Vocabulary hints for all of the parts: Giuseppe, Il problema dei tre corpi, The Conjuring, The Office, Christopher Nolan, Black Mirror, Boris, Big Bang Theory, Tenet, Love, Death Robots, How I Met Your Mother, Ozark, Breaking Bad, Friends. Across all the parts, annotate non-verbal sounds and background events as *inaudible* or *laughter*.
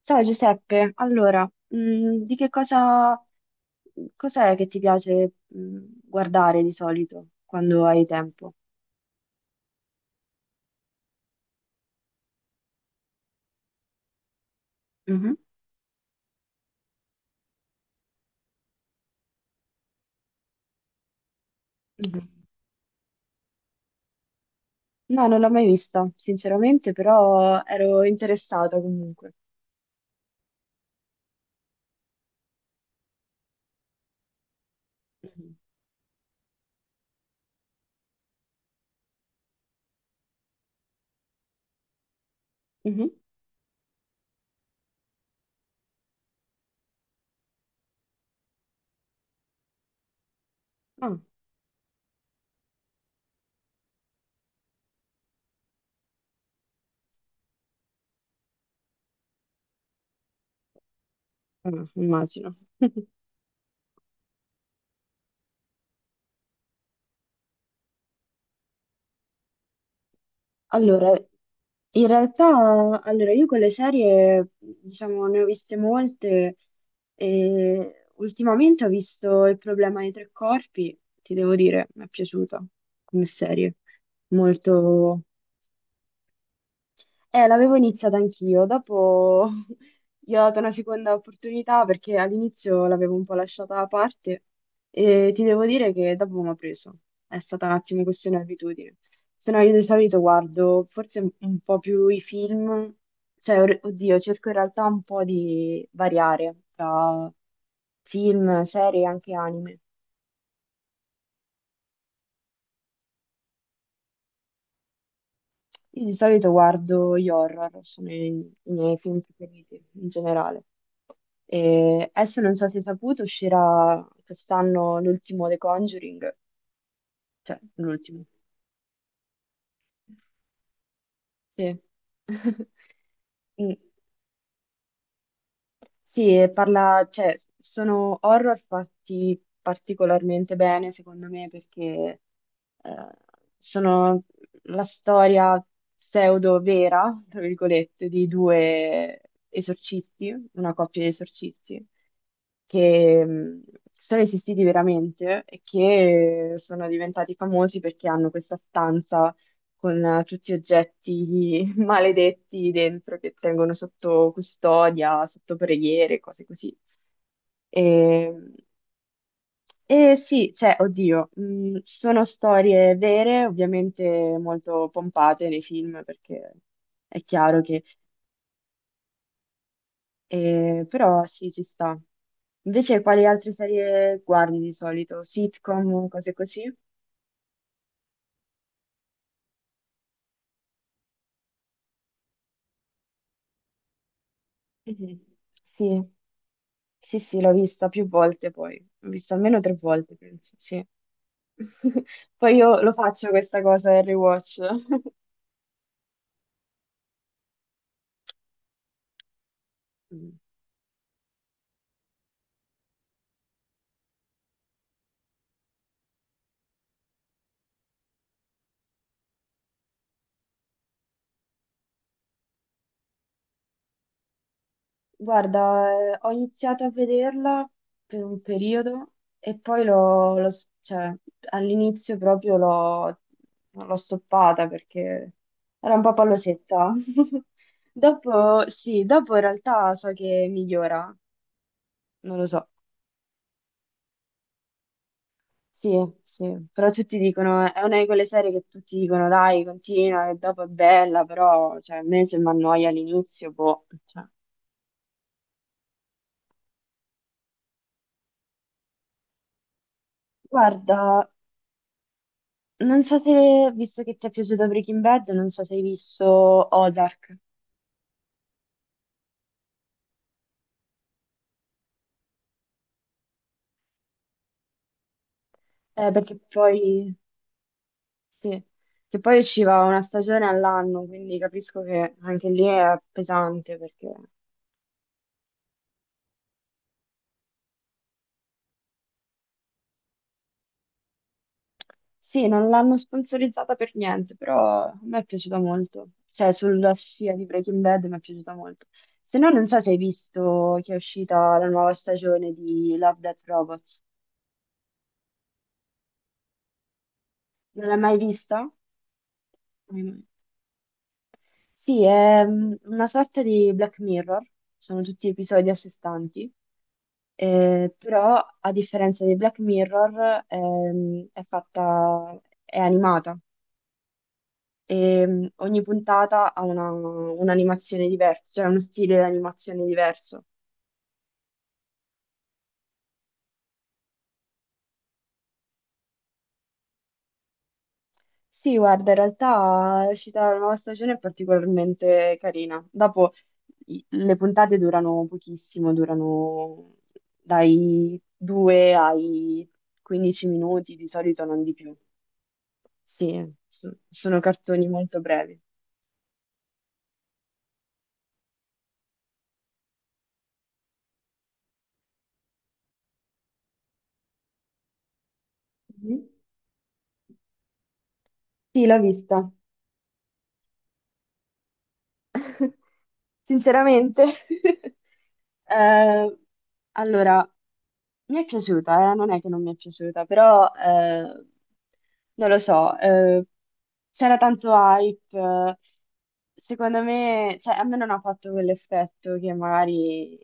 Ciao Giuseppe, allora, mm, di che cosa, cos'è che ti piace, guardare di solito quando hai tempo? Mhm. Mhm. No, non l'ho mai vista, sinceramente, però ero interessata comunque. Mhm. Mhm. Ah, ah, immagino. *laughs* Allora, in realtà, allora, io con le serie, diciamo, ne ho viste molte e ultimamente ho visto Il problema dei tre corpi, ti devo dire, mi è piaciuta come serie, molto. L'avevo iniziata anch'io, dopo *laughs* gli ho dato una seconda opportunità perché all'inizio l'avevo un po' lasciata da parte e ti devo dire che dopo mi ha preso. È stata un attimo questione di abitudine. Se no io di solito guardo forse un po' più i film, cioè oddio, cerco in realtà un po' di variare tra film, serie e anche anime. Io di solito guardo gli horror, sono i miei film preferiti in generale. E adesso non so se hai saputo, uscirà quest'anno l'ultimo The Conjuring, cioè l'ultimo. Sì. *laughs* Mm. Sì, e parla, cioè, sono horror fatti particolarmente bene, secondo me, perché eh, sono la storia pseudo-vera, tra virgolette, di due esorcisti, una coppia di esorcisti, che sono esistiti veramente e che sono diventati famosi perché hanno questa stanza con tutti gli oggetti *laughs* maledetti dentro che tengono sotto custodia, sotto preghiere, cose così. E, e sì, cioè, oddio, sono storie vere, ovviamente molto pompate nei film perché è chiaro che. Però sì, ci sta. Invece, quali altre serie guardi di solito? Sitcom, cose così? Mhm. Sì, sì, sì, l'ho vista più volte poi. L'ho vista almeno tre volte, penso, sì. *laughs* Poi io lo faccio questa cosa del rewatch. *laughs* Guarda, ho iniziato a vederla per un periodo e poi cioè, all'inizio proprio l'ho stoppata perché era un po' pallosetta. *laughs* Dopo, sì, dopo in realtà so che migliora, non lo so. Sì, sì, però tutti dicono, è una di quelle serie che tutti dicono, dai, continua, che dopo è bella, però, cioè, a me se mi annoia all'inizio, boh, cioè. Guarda, Non so se, visto che ti è piaciuto Breaking Bad, non so se hai visto Ozark. Perché poi, sì, che poi usciva una stagione all'anno, quindi capisco che anche lì è pesante, perché sì, non l'hanno sponsorizzata per niente, però a me è piaciuta molto, cioè sulla scia di Breaking Bad mi è piaciuta molto. Se no, non so se hai visto che è uscita la nuova stagione di Love, Death Robots, non l'hai mai vista? Sì, è una sorta di Black Mirror, sono tutti episodi a sé stanti, però a differenza di Black Mirror è fatta, è animata e ogni puntata ha un'animazione diversa, cioè uno stile di animazione diverso. Sì, guarda, in realtà l'uscita della nuova stagione è particolarmente carina. Dopo le puntate durano pochissimo, durano dai 2 ai 15 minuti, di solito non di più. Sì, sono cartoni molto brevi. Mhm. Sì, l'ho vista, sinceramente. *laughs* Eh, allora, mi è piaciuta. Non è che non mi è piaciuta, però non lo so, c'era tanto hype. Secondo me, cioè, a me non ha fatto quell'effetto che magari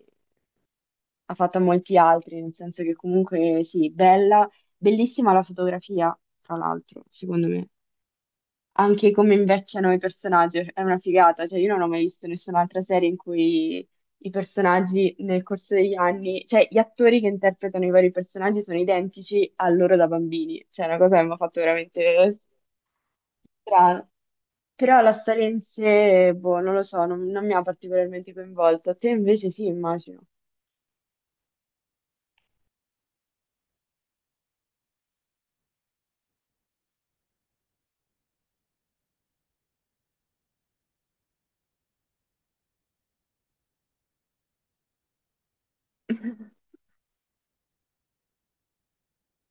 ha fatto a molti altri, nel senso che comunque sì, bella, bellissima la fotografia, tra l'altro, secondo me anche come invecchiano i personaggi, è una figata, cioè io non ho mai visto nessun'altra serie in cui i personaggi nel corso degli anni, cioè gli attori che interpretano i vari personaggi sono identici a loro da bambini, cioè è una cosa che mi ha fatto veramente strano. Però la storia in sé, boh, non lo so, non mi ha particolarmente coinvolto. Te invece sì, immagino. *laughs*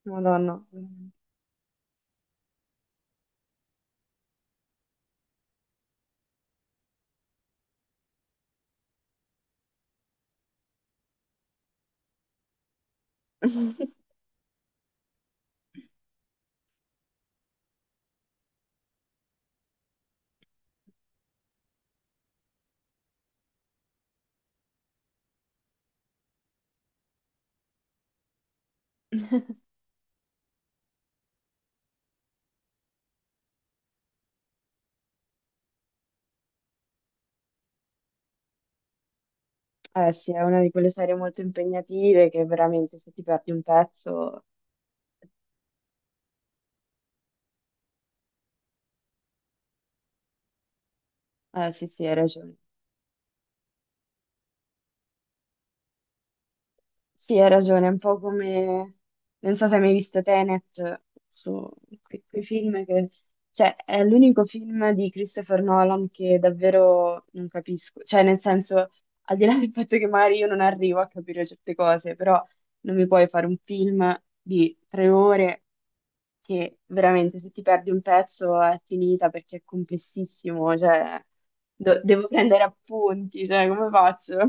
Madonna. *laughs* Eh sì, è una di quelle serie molto impegnative che veramente se ti perdi un pezzo. Ah, sì, sì, hai ragione. Sì, hai ragione, è un po' come. Non so se hai mai visto Tenet, su quei film che. Cioè, è l'unico film di Christopher Nolan che davvero non capisco. Cioè, nel senso, al di là del fatto che magari io non arrivo a capire certe cose, però non mi puoi fare un film di 3 ore che veramente se ti perdi un pezzo è finita perché è complessissimo, cioè, devo prendere appunti, cioè, come faccio? *laughs*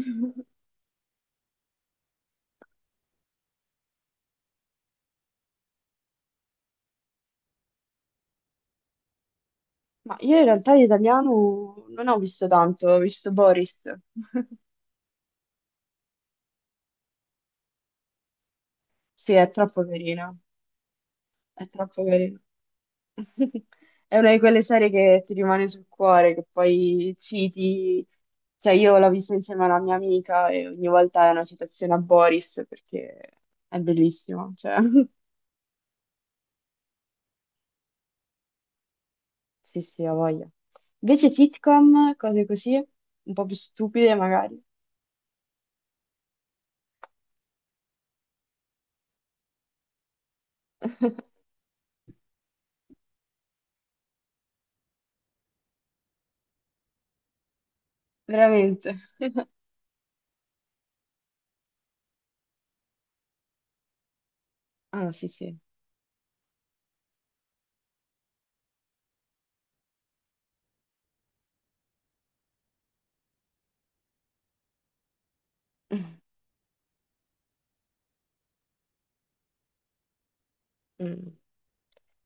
Ma io in realtà di italiano non ho visto tanto, ho visto Boris. *laughs* Sì, è troppo carina, è troppo carina. *laughs* È una di quelle serie che ti rimane sul cuore, che poi citi. Cioè, io l'ho vista insieme a una mia amica e ogni volta è una citazione a Boris perché è bellissima. Cioè. *laughs* Sì, sì, ho voglia. Invece sitcom, cose così, un po' più stupide magari. *laughs* Veramente. Ah, sì, sì. Mm.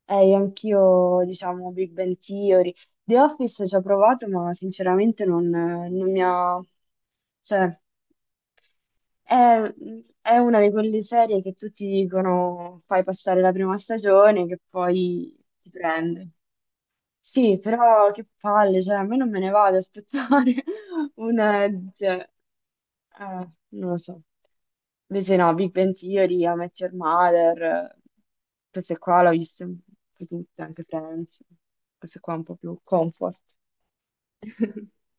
Io anch'io, diciamo, Big Bang Theory. The Office ci ho provato, ma sinceramente non mi ha. Cioè, è, è una di quelle serie che tutti dicono fai passare la prima stagione che poi ti prende. Sì, però che palle, cioè a me non me ne va ad aspettare *laughs* un edge, non lo so. Invece no, Big Bang Theory, How I Met Your Mother, queste qua l'ho viste un po' tutte, anche Friends, queste qua un po' più comfort. *laughs*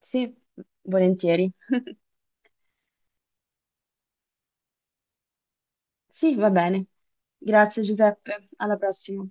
Sì, volentieri. *laughs* Sì, va bene. Grazie Giuseppe, alla prossima.